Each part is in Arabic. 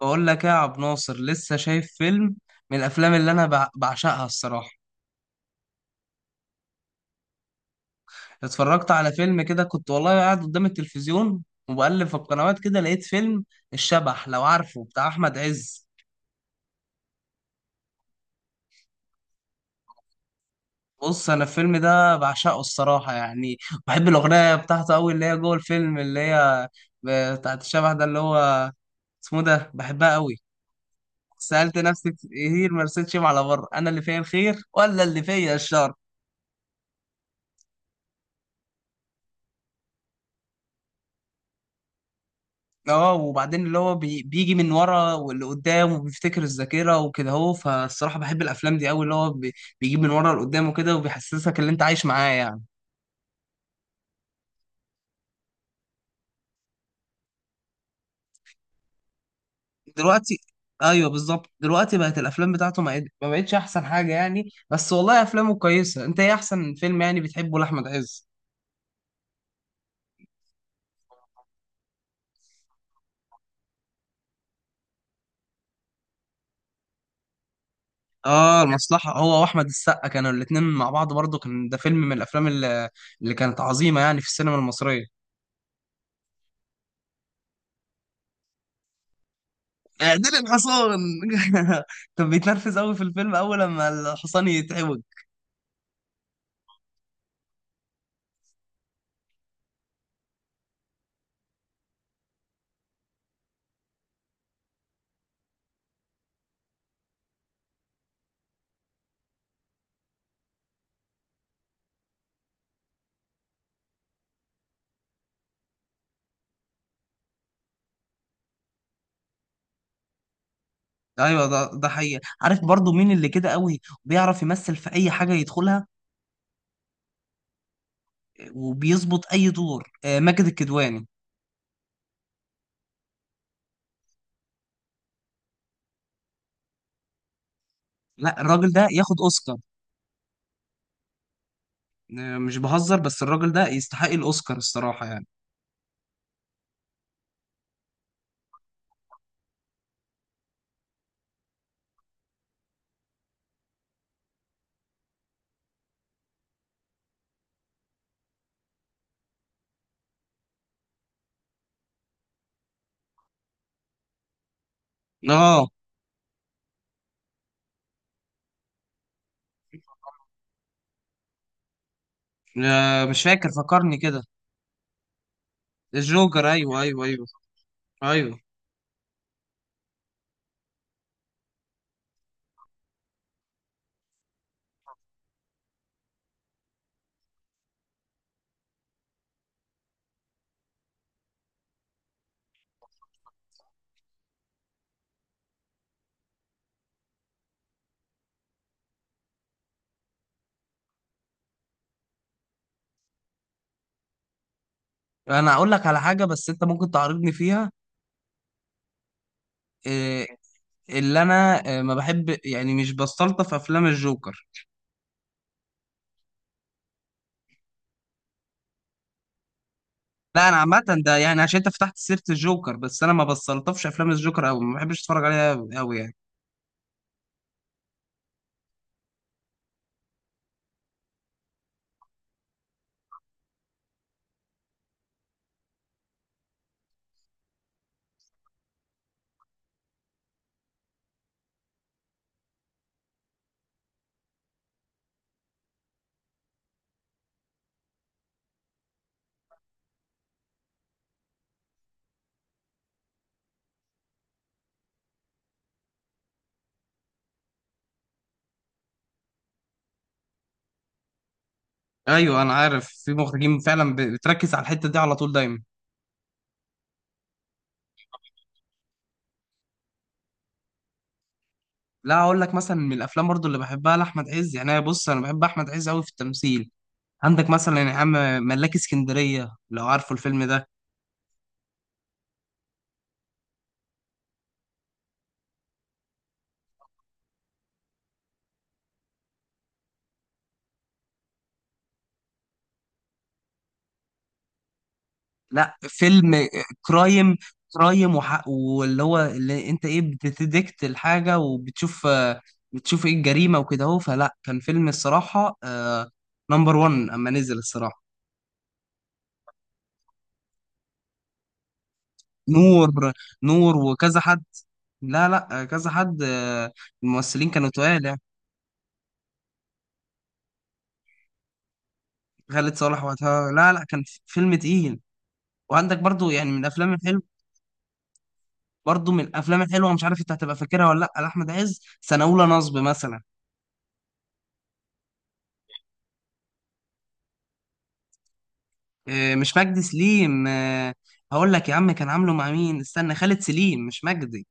بقول لك ايه يا عبد ناصر؟ لسه شايف فيلم من الافلام اللي انا بعشقها الصراحه. اتفرجت على فيلم كده، كنت والله قاعد قدام التلفزيون وبقلب في القنوات كده، لقيت فيلم الشبح، لو عارفه، بتاع احمد عز. بص، انا الفيلم ده بعشقه الصراحه يعني، بحب الاغنيه بتاعته قوي اللي هي جوه الفيلم، اللي هي بتاعت الشبح ده اللي هو اسمه ده، بحبها قوي. سألت نفسي كتير ما رستش على بره، انا اللي فيا الخير ولا اللي فيا الشر. اه، وبعدين اللي هو بي بيجي من ورا واللي قدام وبيفتكر الذاكرة وكده، هو فالصراحة بحب الأفلام دي أوي، اللي هو بي بيجيب من ورا لقدام وكده وبيحسسك اللي أنت عايش معاه يعني. دلوقتي أيوه بالظبط، دلوقتي بقت الأفلام بتاعته ما بقتش أحسن حاجة يعني، بس والله أفلامه كويسة. أنت إيه أحسن فيلم يعني بتحبه لأحمد عز؟ اه، المصلحة، هو وأحمد السقا كانوا الاتنين مع بعض، برضه كان ده فيلم من الأفلام اللي، اللي كانت عظيمة يعني في السينما المصرية. اعدل الحصان. كان بيتنرفز قوي في الفيلم اول لما الحصان يتعوج. ايوه، ده حقيقي. عارف برضو مين اللي كده قوي بيعرف يمثل في اي حاجه يدخلها وبيظبط اي دور؟ آه، ماجد الكدواني. لا، الراجل ده ياخد اوسكار. آه، مش بهزر، بس الراجل ده يستحق الاوسكار الصراحه يعني. اه. آه، مش فاكر، فكرني كده. الجوكر، ايوه ايوه ايوه. ايوه. انا اقول لك على حاجه بس انت ممكن تعارضني فيها. آه، اللي انا آه، ما بحب يعني مش بستلطف افلام الجوكر. لا، انا عامه ده يعني عشان انت فتحت سيره الجوكر، بس انا ما بستلطفش افلام الجوكر قوي، ما بحبش اتفرج عليها قوي يعني. ايوه، انا عارف في مخرجين فعلا بتركز على الحته دي على طول دايما. لا، اقول لك مثلا من الافلام برضو اللي بحبها لاحمد عز يعني. أنا بص، انا بحب احمد عز قوي في التمثيل. عندك مثلا يا عم ملاك اسكندريه، لو عارفه الفيلم ده. لا، فيلم كرايم، كرايم وحق، واللي هو اللي انت ايه بتديكت الحاجة وبتشوف آه، بتشوف ايه الجريمة وكده اهو. فلا كان فيلم الصراحة نمبر 1 اما نزل الصراحة. نور. نور وكذا حد. لا لا، آه، كذا حد آه، الممثلين كانوا تقال يعني. خالد صالح وقتها. لا لا، كان فيلم تقيل. وعندك برضو يعني من الافلام الحلوه، برضو من الافلام الحلوه، مش عارف انت هتبقى فاكرها ولا لا، لاحمد عز سنه اولى نصب مثلا. آه، مش مجدي سليم آه، هقول لك يا عم كان عامله مع مين؟ استنى، خالد سليم مش مجدي.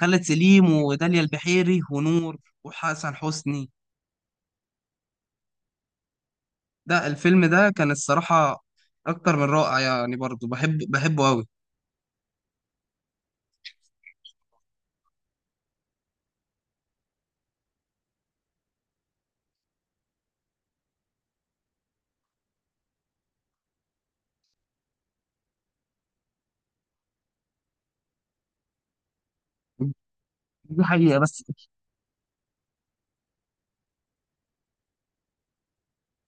خالد سليم وداليا البحيري ونور وحسن حسني. ده الفيلم ده كان الصراحة أكتر من رائع يعني، برضه بحب بحبه أوي. دي حقيقة. بس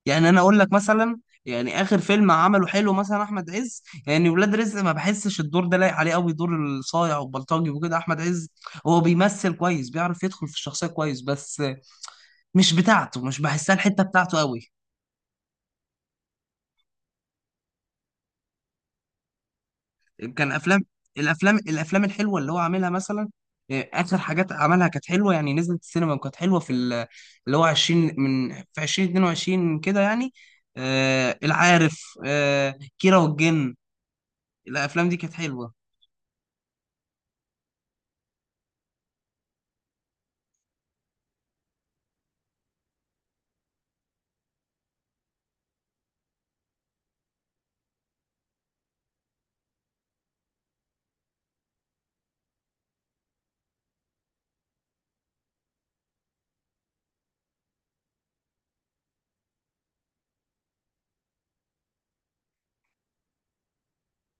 يعني أنا أقول لك مثلا، يعني آخر فيلم عمله حلو مثلا أحمد عز يعني ولاد رزق، ما بحسش الدور ده لايق عليه أوي، دور الصايع والبلطجي وكده. أحمد عز هو بيمثل كويس، بيعرف يدخل في الشخصية كويس، بس مش بتاعته، مش بحسها الحته بتاعته قوي. كان افلام، الافلام الحلوه اللي هو عاملها مثلا إيه، اخر حاجات عملها كانت حلوه يعني، نزلت السينما وكانت حلوه في ال- اللي هو 20 من في 2022 كده يعني. آه العارف آه كيرة والجن، الافلام دي كانت حلوه.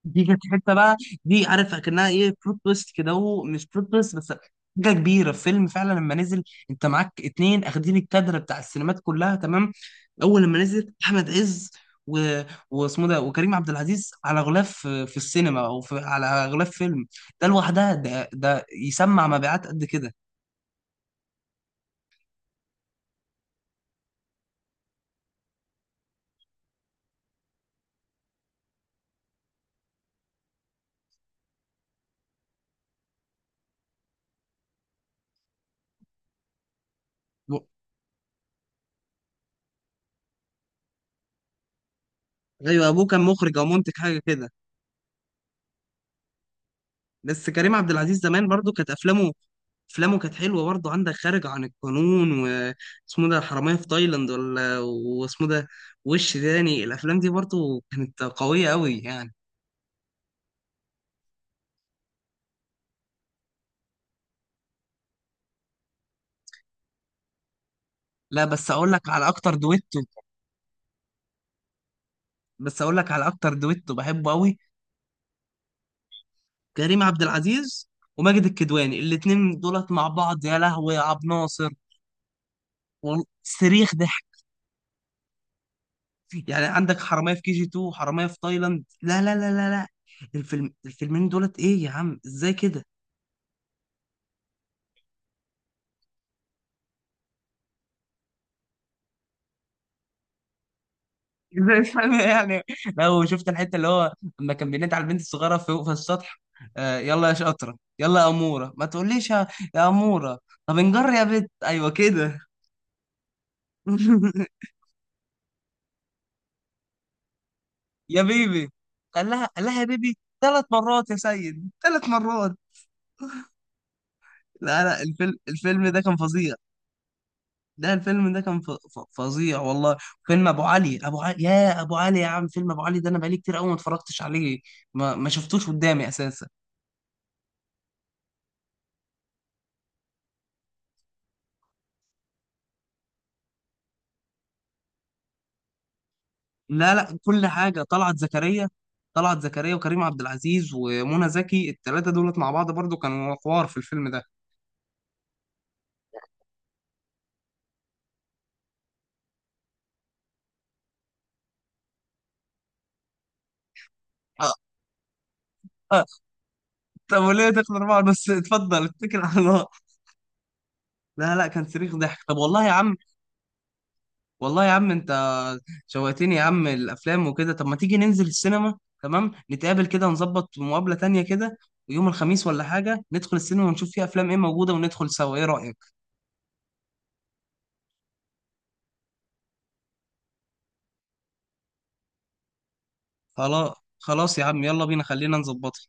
دي كانت حته بقى. دي عارف اكنها ايه، بلوت تويست كده، هو مش بلوت تويست بس، حاجه كبيره الفيلم فعلا لما نزل. انت معاك اتنين اخدين الكادر بتاع السينمات كلها، تمام؟ اول لما نزل احمد عز و... واسمه ده وكريم عبد العزيز على غلاف في في السينما او في... على غلاف فيلم، ده لوحدها ده ده يسمع مبيعات قد كده. و- ايوه، ابوه كان مخرج او منتج حاجه كده. بس كريم عبد العزيز زمان برضو كانت افلامه، افلامه كانت حلوه برضه. عندك خارج عن القانون واسمه ده حراميه في تايلاند، ولا واسمه ده وش تاني، الافلام دي برضه كانت قويه قوي يعني. لا بس اقول لك على اكتر دويتو، بس اقول لك على اكتر دويتو بحبه قوي، كريم عبد العزيز وماجد الكدواني، الاتنين دولت مع بعض يا لهوي يا عبد ناصر. وال- صريخ ضحك يعني. عندك حراميه في كي جي 2 وحراميه في تايلاند. لا لا لا لا لا، الفيلم الفيلمين دولت ايه يا عم؟ ازاي كده؟ زي الفل يعني. لو شفت الحته اللي هو لما كان بينادي على البنت الصغيره فوق في السطح، آه، يلا يا شاطره يلا يا اموره، ما تقوليش يا، يا اموره، طب انجر يا بت، ايوه كده. يا بيبي، قال لها يا بيبي ثلاث مرات يا سيد، ثلاث مرات. لا لا، الفيلم الفيلم ده كان فظيع. ده الفيلم ده كان فظيع والله. فيلم ابو علي، ابو علي، يا ابو علي يا عم، فيلم ابو علي ده انا بقالي كتير قوي ما اتفرجتش عليه، ما شفتوش قدامي اساسا. لا لا، كل حاجة طلعت زكريا، طلعت زكريا وكريم عبد العزيز ومنى زكي، الثلاثة دولت مع بعض برضو كانوا حوار في الفيلم ده. آه. آه، طب وليه تاخد أربعة بس؟ اتفضل اتكل على الله. لا لا، كان صريخ ضحك. طب والله يا عم، والله يا عم انت شوقتني يا عم الأفلام وكده. طب ما تيجي ننزل السينما؟ تمام، نتقابل كده، نظبط مقابلة تانية كده، ويوم الخميس ولا حاجة ندخل السينما ونشوف فيها أفلام ايه موجودة وندخل سوا، ايه رأيك؟ خلاص، خلاص يا عم، يلا بينا خلينا نظبطها.